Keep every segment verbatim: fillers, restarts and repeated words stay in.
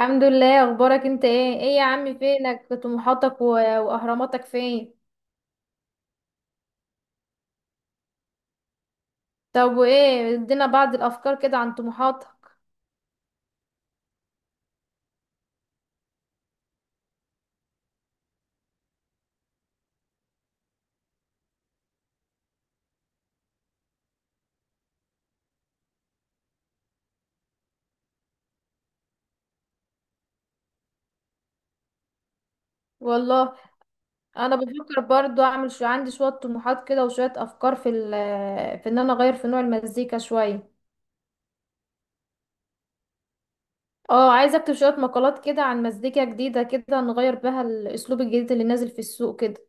الحمد لله. اخبارك انت ايه؟ ايه يا عمي، فينك؟ طموحاتك و- واهراماتك فين؟ طب وايه، ادينا بعض الافكار كده عن طموحاتك. والله انا بفكر برضو، اعمل شو، عندي شوية طموحات كده وشوية افكار في ال في ان انا اغير في نوع المزيكا شوية. اه عايزه اكتب شوية مقالات كده عن مزيكا جديدة كده، نغير بها الاسلوب الجديد اللي نازل في السوق كده.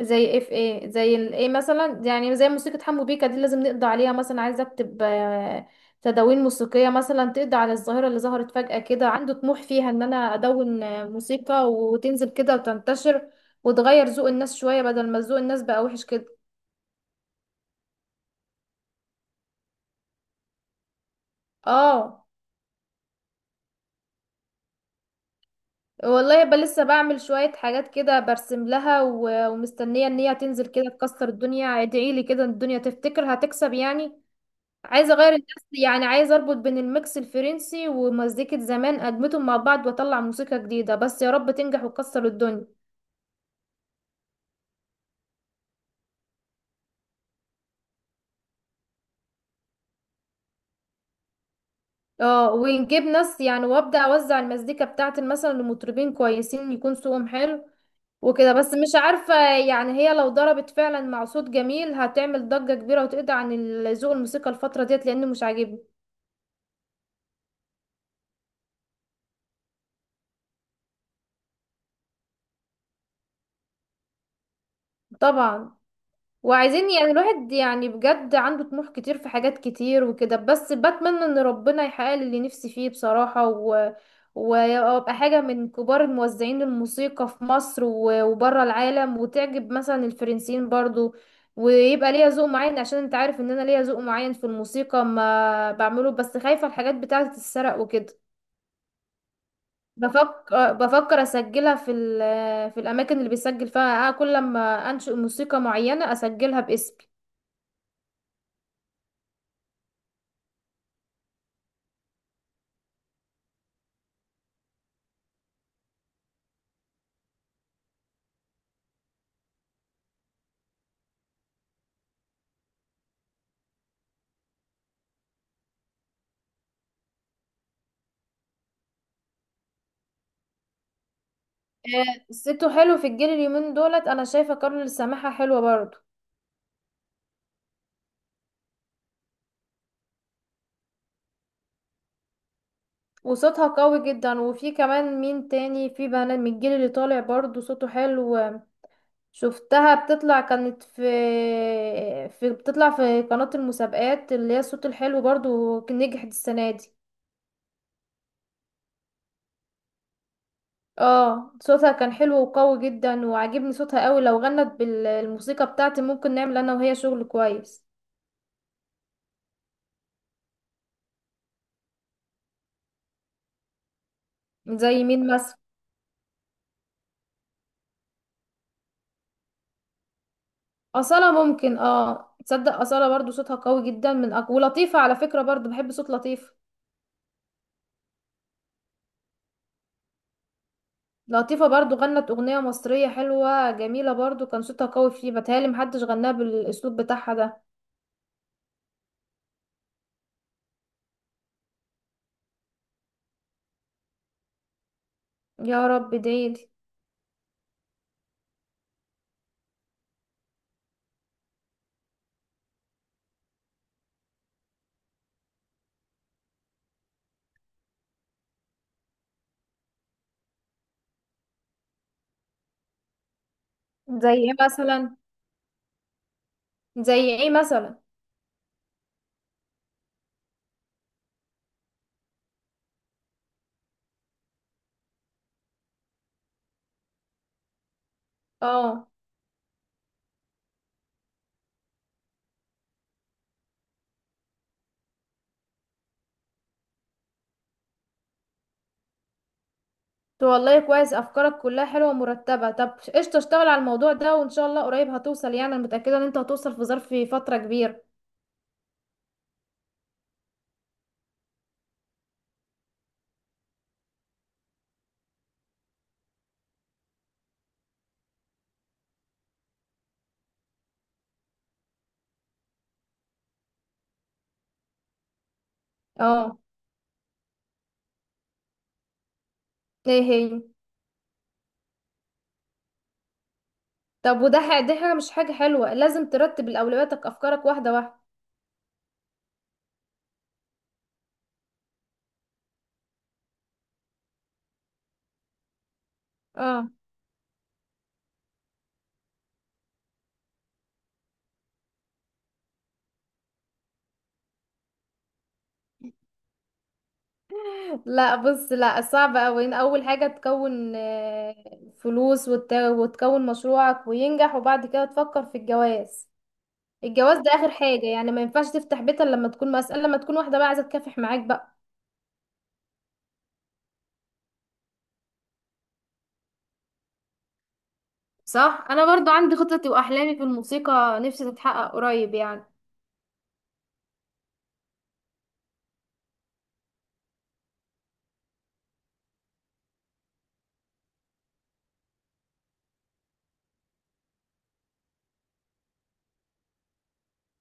زي اف ايه زي ال ايه مثلا، يعني زي موسيقى حمو بيكا دي لازم نقضي عليها. مثلا عايزه اكتب آه، تدوين موسيقيه مثلا تقضي على الظاهره اللي ظهرت فجاه كده، عنده طموح فيها ان انا ادون آه، موسيقى وتنزل كده وتنتشر وتغير ذوق الناس شويه، بدل ما ذوق الناس بقى وحش كده. اه والله يبقى لسه بعمل شويه حاجات كده، برسم لها و- ومستنيه ان هي تنزل كده تكسر الدنيا. ادعيلي كده إن الدنيا تفتكر هتكسب يعني. عايزه اغير الناس، يعني عايزه اربط بين الميكس الفرنسي ومزيكه زمان، ادمتهم مع بعض واطلع موسيقى جديده. بس يا رب تنجح وتكسر الدنيا. اه ونجيب ناس يعني، وابدا اوزع المزيكا بتاعتي مثلا لمطربين كويسين يكون صوتهم حلو وكده. بس مش عارفه يعني، هي لو ضربت فعلا مع صوت جميل هتعمل ضجه كبيره وتقضي عن ال- ذوق الموسيقى الفتره ديت، لانه مش عاجبني. طبعا. وعايزين يعني، الواحد يعني بجد عنده طموح كتير في حاجات كتير وكده. بس بتمنى ان ربنا يحقق لي اللي نفسي فيه بصراحة، و... وابقى حاجة من كبار الموزعين الموسيقى في مصر، و... وبره العالم، وتعجب مثلا الفرنسيين برضو. ويبقى ليا ذوق معين، عشان انت عارف ان انا ليا ذوق معين في الموسيقى ما بعمله. بس خايفة الحاجات بتاعة تتسرق وكده. بفكر بفكر اسجلها في ال... في الاماكن اللي بيسجل فيها آه، كل لما انشئ موسيقى معينة اسجلها باسمي. آه، صيته حلو في الجيل اليومين دولت، انا شايفه كارول السماحه حلوه برضو، وصوتها قوي جدا. وفي كمان مين تاني في بنات من الجيل اللي طالع برضو صوته حلو، شفتها بتطلع كانت في في بتطلع في قناة المسابقات اللي هي الصوت الحلو برضو، كان نجحت السنة دي. اه صوتها كان حلو وقوي جدا، وعجبني صوتها قوي. لو غنت بالموسيقى بتاعتي ممكن نعمل انا وهي شغل كويس. زي مين مثلا؟ أصالة ممكن، اه تصدق أصالة برضو صوتها قوي جدا من أق... ولطيفة على فكرة برضو، بحب صوت لطيفة. لطيفة برضو غنت أغنية مصرية حلوة جميلة، برضو كان صوتها قوي فيه، بتهيألي محدش غناها بالأسلوب بتاعها ده. يا رب ديلي. زي ايه مثلا؟ زي ايه مثلا؟ اه تو والله كويس، أفكارك كلها حلوة ومرتبة. طب قشطة، اشتغل على الموضوع ده وإن شاء الله قريب هتوصل، يعني أنا متأكدة إن أنت هتوصل في ظرف فترة كبيرة. اه. ايه هي؟ طب وده ح- دي حاجة مش حاجة حلوة، لازم ترتب الأولوياتك أفكارك واحدة واحدة. اه لا بص، لا صعب أوي. إن أول حاجة تكون آه، فلوس، وت- وتكون مشروعك وينجح، وبعد كده تفكر في الجواز. الجواز ده آخر حاجة يعني، ما ينفعش تفتح بيت إلا لما تكون مسألة، لما تكون واحدة بقى عايزة تكافح معاك بقى. صح. انا برضو عندي خططي واحلامي في الموسيقى، نفسي تتحقق قريب يعني.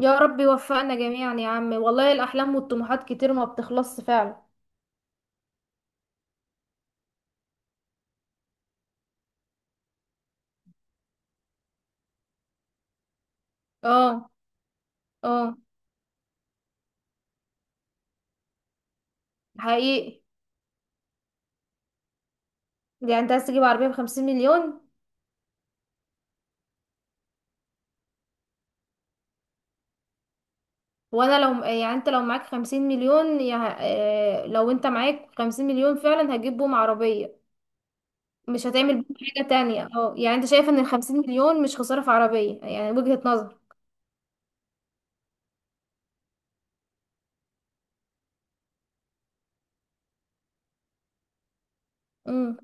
يا رب يوفقنا جميعا يا عم، والله الأحلام والطموحات كتير ما بتخلصش فعلا. اه. اه. حقيقي. يعني انت عايز تجيب عربية بخمسين مليون؟ وانا لو يعني، انت لو معاك خمسين مليون يا... اه... لو انت معاك خمسين مليون فعلا هتجيب بيهم عربية؟ مش هتعمل بيهم حاجة تانية؟ اه يعني انت شايف ان الخمسين مليون مش خسارة في عربية؟ يعني وجهة نظر.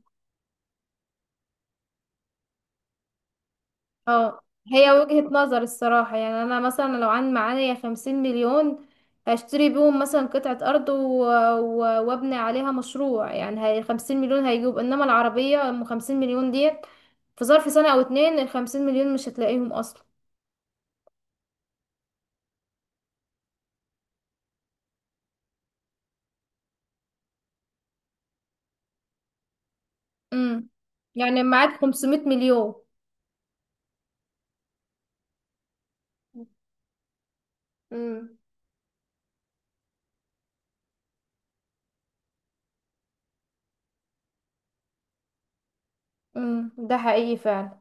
اه هي وجهة نظر الصراحة. يعني انا مثلا لو عن معايا خمسين مليون هشتري بيهم مثلا قطعة ارض و... و... وابني عليها مشروع. يعني هي خمسين مليون هيجيب، انما العربية ام خمسين مليون ديت في ظرف سنة او اتنين الخمسين مليون مش هتلاقيهم اصلا. امم. يعني معاك خمسمية مليون. امم. امم. ده حقيقي فعلا.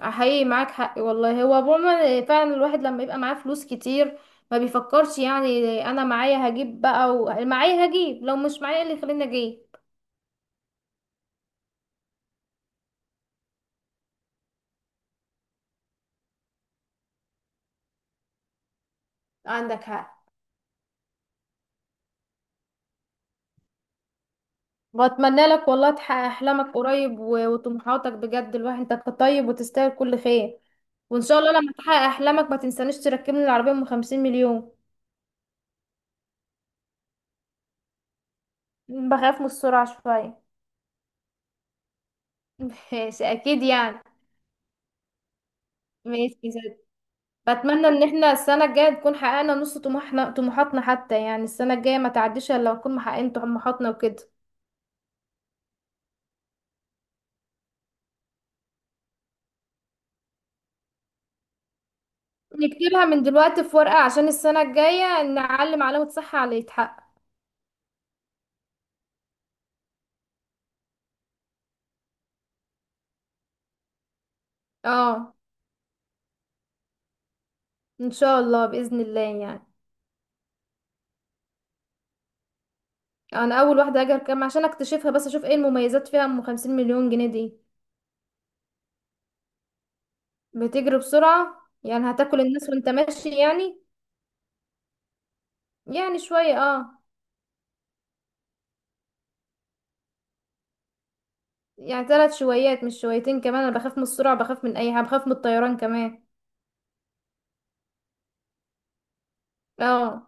حقيقي معاك حق والله. هو عموما فعلا الواحد لما يبقى معاه فلوس كتير ما بيفكرش، يعني انا معايا هجيب بقى، و... معايا هجيب، لو مش معايا إيه اللي يخليني اجيب. عندك حق. واتمنى لك والله تحقق احلامك قريب، و... وطموحاتك بجد. الواحد انت طيب وتستاهل كل خير. وان شاء الله لما تحقق احلامك ما تنسانيش تركبني العربية ام خمسين مليون. بخاف من السرعة شوية. ماشي اكيد يعني. ماشي. بتمنى ان احنا السنة الجاية نكون حققنا نص طموحنا طموحاتنا، حتى يعني السنة الجاية ما تعديش الا لو نكون محققين طموحاتنا وكده. نكتبها من دلوقتي في ورقة عشان السنة الجاية نعلم علامة صح على اللي يتحقق. اه ان شاء الله، بإذن الله يعني. انا اول واحدة هاجي كام عشان اكتشفها، بس اشوف ايه المميزات فيها ام خمسين مليون جنيه دي. بتجري بسرعة يعني، هتاكل الناس وانت ماشي يعني. يعني شوية اه. يعني ثلاث شويات مش شويتين كمان. انا بخاف من السرعة، بخاف من اي حاجة، بخاف من الطيران كمان. اه.